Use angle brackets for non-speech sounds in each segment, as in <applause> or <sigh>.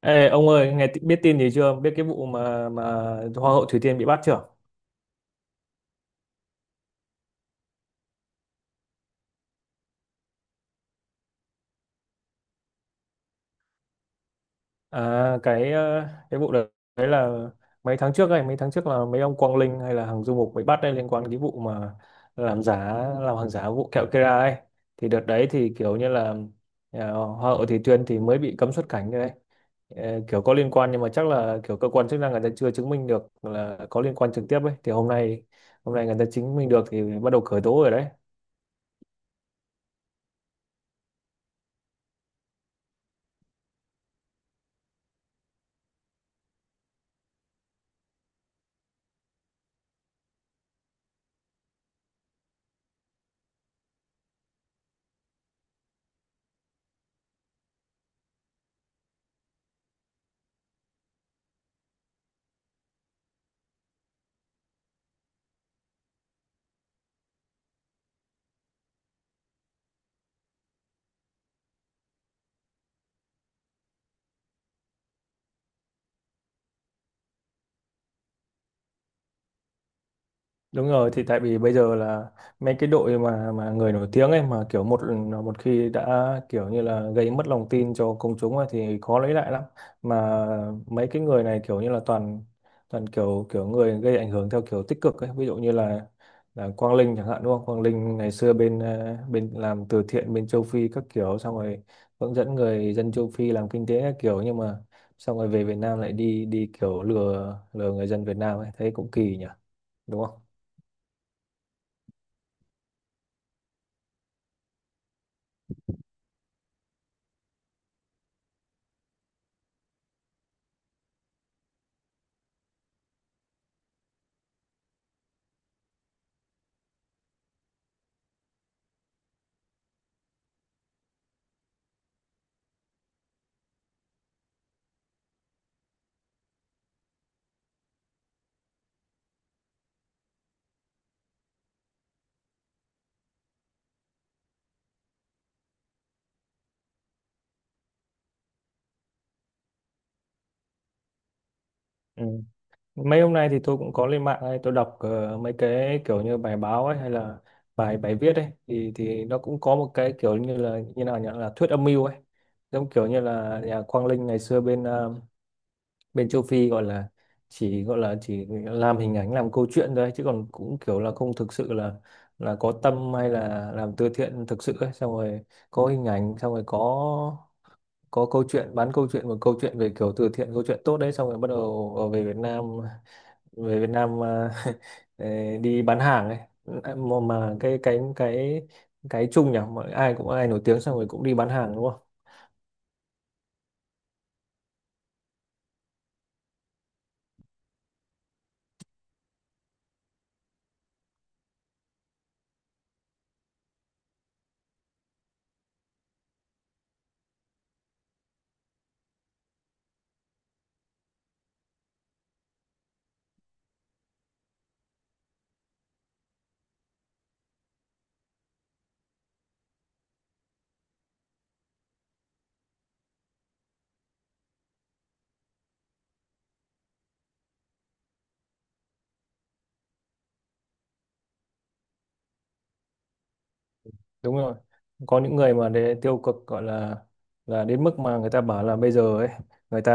Ê, ông ơi, nghe biết tin gì chưa? Biết cái vụ mà Hoa hậu Thủy Tiên bị bắt chưa? À, cái vụ đấy đấy là mấy tháng trước là mấy ông Quang Linh hay là Hằng Du Mục bị bắt đây, liên quan cái vụ mà làm giá làm hàng giả vụ kẹo Kera ấy. Thì đợt đấy thì kiểu như là Hoa hậu Thủy Tiên thì mới bị cấm xuất cảnh đấy. Ờ, kiểu có liên quan, nhưng mà chắc là kiểu cơ quan chức năng người ta chưa chứng minh được là có liên quan trực tiếp ấy. Thì hôm nay người ta chứng minh được thì bắt đầu khởi tố rồi đấy. Đúng rồi, thì tại vì bây giờ là mấy cái đội mà người nổi tiếng ấy, mà kiểu một một khi đã kiểu như là gây mất lòng tin cho công chúng ấy, thì khó lấy lại lắm. Mà mấy cái người này kiểu như là toàn toàn kiểu kiểu người gây ảnh hưởng theo kiểu tích cực ấy, ví dụ như là Quang Linh chẳng hạn, đúng không? Quang Linh ngày xưa bên ờ, bên làm từ thiện bên châu Phi các kiểu, xong rồi hướng dẫn người dân châu Phi làm kinh tế các kiểu, nhưng mà xong rồi về Việt Nam lại đi đi kiểu lừa lừa người dân Việt Nam ấy, thấy cũng kỳ nhỉ, đúng không? Ừ. Mấy hôm nay thì tôi cũng có lên mạng ấy, tôi đọc mấy cái kiểu như bài báo ấy, hay là bài bài viết ấy, thì nó cũng có một cái kiểu như là, như nào nhỉ, là thuyết âm mưu ấy, giống kiểu như là nhà Quang Linh ngày xưa bên bên châu Phi gọi là chỉ, làm hình ảnh làm câu chuyện thôi ấy, chứ còn cũng kiểu là không thực sự là có tâm hay là làm từ thiện thực sự ấy, xong rồi có hình ảnh, xong rồi có câu chuyện, bán câu chuyện, một câu chuyện về kiểu từ thiện, câu chuyện tốt đấy, xong rồi bắt đầu về Việt Nam, mà <laughs> ờ, đi bán hàng ấy mà, cái chung nhỉ, ai cũng, ai nổi tiếng xong rồi cũng đi bán hàng, đúng không? Đúng rồi, có những người mà để tiêu cực gọi là đến mức mà người ta bảo là bây giờ ấy, người ta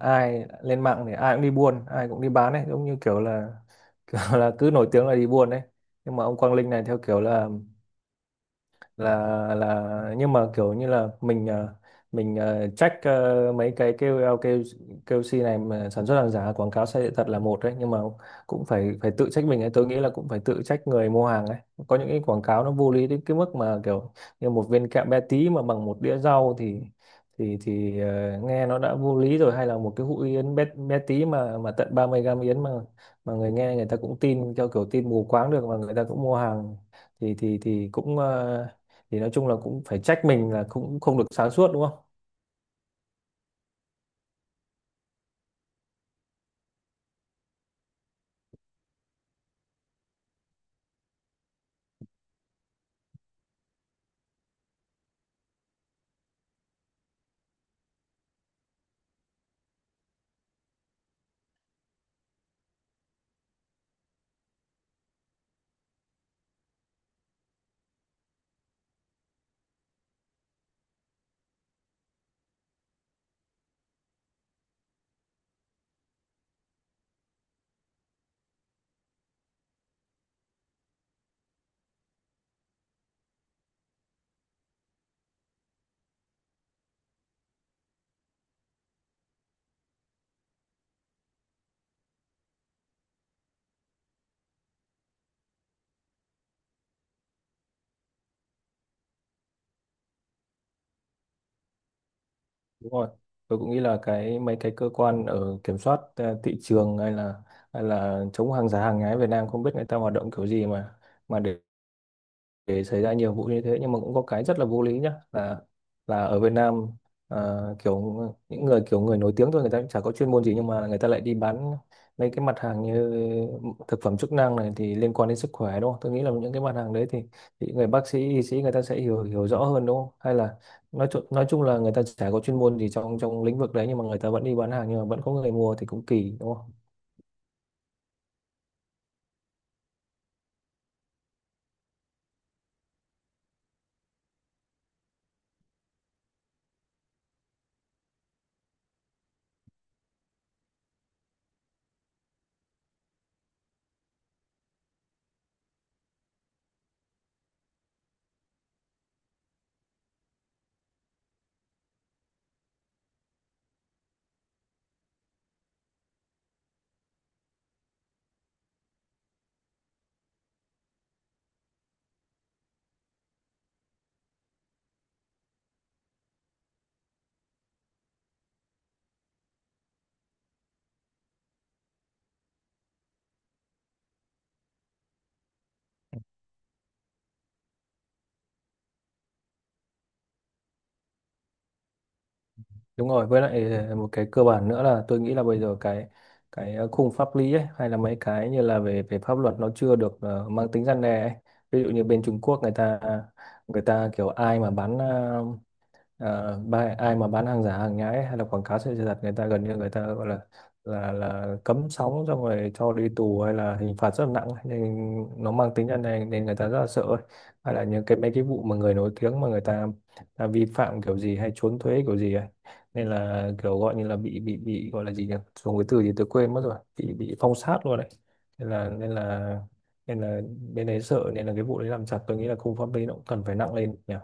ai lên mạng thì ai cũng đi buôn, ai cũng đi bán ấy, giống như kiểu là <laughs> kiểu là cứ nổi tiếng là đi buôn ấy. Nhưng mà ông Quang Linh này theo kiểu là, nhưng mà kiểu như là mình check mấy cái KOL, kêu kêu KOC này mà sản xuất hàng giả, quảng cáo sai sự thật là một đấy, nhưng mà cũng phải phải tự trách mình ấy. Tôi nghĩ là cũng phải tự trách người mua hàng ấy. Có những cái quảng cáo nó vô lý đến cái mức mà kiểu như một viên kẹo bé tí mà bằng một đĩa rau thì, nghe nó đã vô lý rồi, hay là một cái hũ yến bé tí mà tận 30 gram yến, mà người nghe, người ta cũng tin theo kiểu tin mù quáng được, mà người ta cũng mua hàng, thì cũng ờ, thì nói chung là cũng phải trách mình là cũng không được sáng suốt, đúng không? Đúng rồi, tôi cũng nghĩ là mấy cái cơ quan ở kiểm soát thị trường, hay là chống hàng giả hàng nhái Việt Nam không biết người ta hoạt động kiểu gì mà, để xảy ra nhiều vụ như thế. Nhưng mà cũng có cái rất là vô lý nhá, là ở Việt Nam, kiểu những người kiểu người nổi tiếng thôi, người ta cũng chả có chuyên môn gì nhưng mà người ta lại đi bán mấy cái mặt hàng như thực phẩm chức năng này, thì liên quan đến sức khỏe, đúng không? Tôi nghĩ là những cái mặt hàng đấy thì, người bác sĩ, y sĩ người ta sẽ hiểu hiểu rõ hơn, đúng không? Hay là nói chung, là người ta chả có chuyên môn gì trong trong lĩnh vực đấy nhưng mà người ta vẫn đi bán hàng, nhưng mà vẫn có người mua thì cũng kỳ, đúng? Đúng rồi, với lại một cái cơ bản nữa là tôi nghĩ là bây giờ cái, khung pháp lý ấy, hay là mấy cái như là về về pháp luật, nó chưa được mang tính răn đe ấy. Ví dụ như bên Trung Quốc, người ta kiểu ai mà bán ai mà bán hàng giả hàng nhái hay là quảng cáo sai sự thật, người ta gần như, người ta gọi là cấm sóng, xong rồi cho đi tù, hay là hình phạt rất là nặng, nên nó mang tính chất này nên người ta rất là sợ ấy. Hay là những cái mấy cái vụ mà người nổi tiếng mà người ta vi phạm kiểu gì hay trốn thuế kiểu gì ấy, nên là kiểu gọi như là bị, gọi là gì nhỉ, dùng cái từ gì tôi quên mất rồi, bị phong sát luôn đấy. Nên là, nên là bên đấy sợ, nên là cái vụ đấy làm chặt, tôi nghĩ là khung pháp lý nó cũng cần phải nặng lên nhỉ.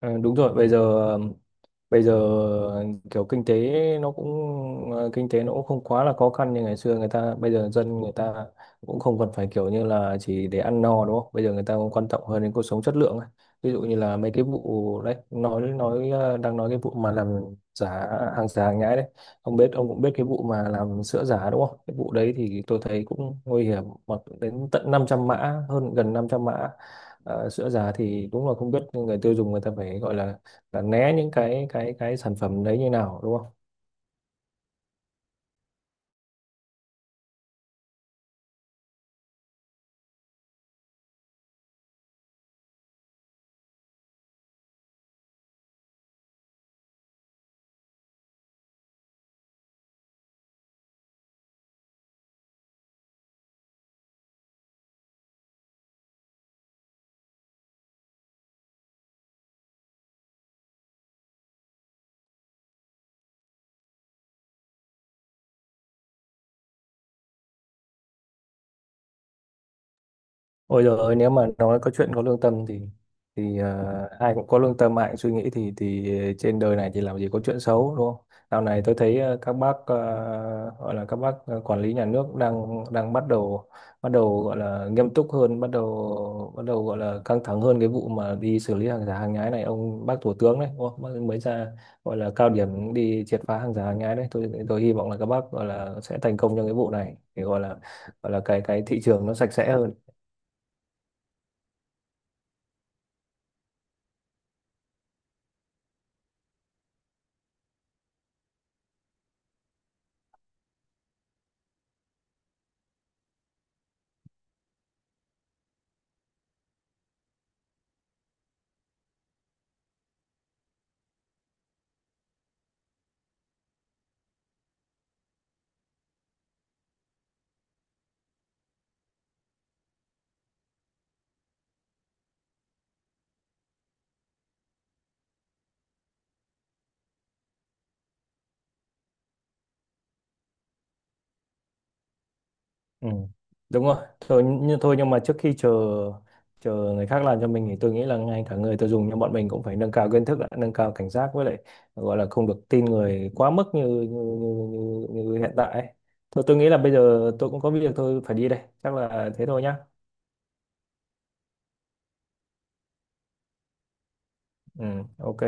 Ờ, đúng rồi. Bây giờ, bây giờ kiểu kinh tế nó cũng, không quá là khó khăn như ngày xưa. Người ta bây giờ, dân người ta cũng không còn phải kiểu như là chỉ để ăn no, đúng không? Bây giờ người ta cũng quan trọng hơn đến cuộc sống chất lượng ấy. Ví dụ như là mấy cái vụ đấy, nói, đang nói cái vụ mà làm giả giả hàng nhái đấy. Ông ông cũng biết cái vụ mà làm sữa giả, đúng không? Cái vụ đấy thì tôi thấy cũng nguy hiểm mà, đến tận 500 mã, hơn, gần 500 mã. Sữa giả thì đúng là không biết người tiêu dùng người ta phải gọi là, né những cái sản phẩm đấy như nào, đúng không? Ôi giời ơi, nếu mà nói có chuyện có lương tâm thì, ai cũng có lương tâm, ai cũng suy nghĩ, thì trên đời này thì làm gì có chuyện xấu, đúng không? Dạo này tôi thấy các bác, gọi là các bác, quản lý nhà nước đang đang bắt đầu, bắt đầu gọi là nghiêm túc hơn, bắt đầu gọi là căng thẳng hơn cái vụ mà đi xử lý hàng giả hàng nhái này. Ông bác thủ tướng đấy, đúng không? Bác mới ra gọi là cao điểm đi triệt phá hàng giả hàng nhái đấy. Tôi hy vọng là các bác gọi là sẽ thành công trong cái vụ này để gọi là, cái thị trường nó sạch sẽ hơn. Ừ, đúng rồi. Thôi, thôi, nhưng mà trước khi chờ chờ người khác làm cho mình thì tôi nghĩ là ngay cả người tiêu dùng như bọn mình cũng phải nâng cao kiến thức, đã, nâng cao cảnh giác, với lại gọi là không được tin người quá mức như, như hiện tại ấy. Thôi tôi nghĩ là bây giờ tôi cũng có việc, tôi phải đi đây. Chắc là thế thôi nhá. Ừ, ok.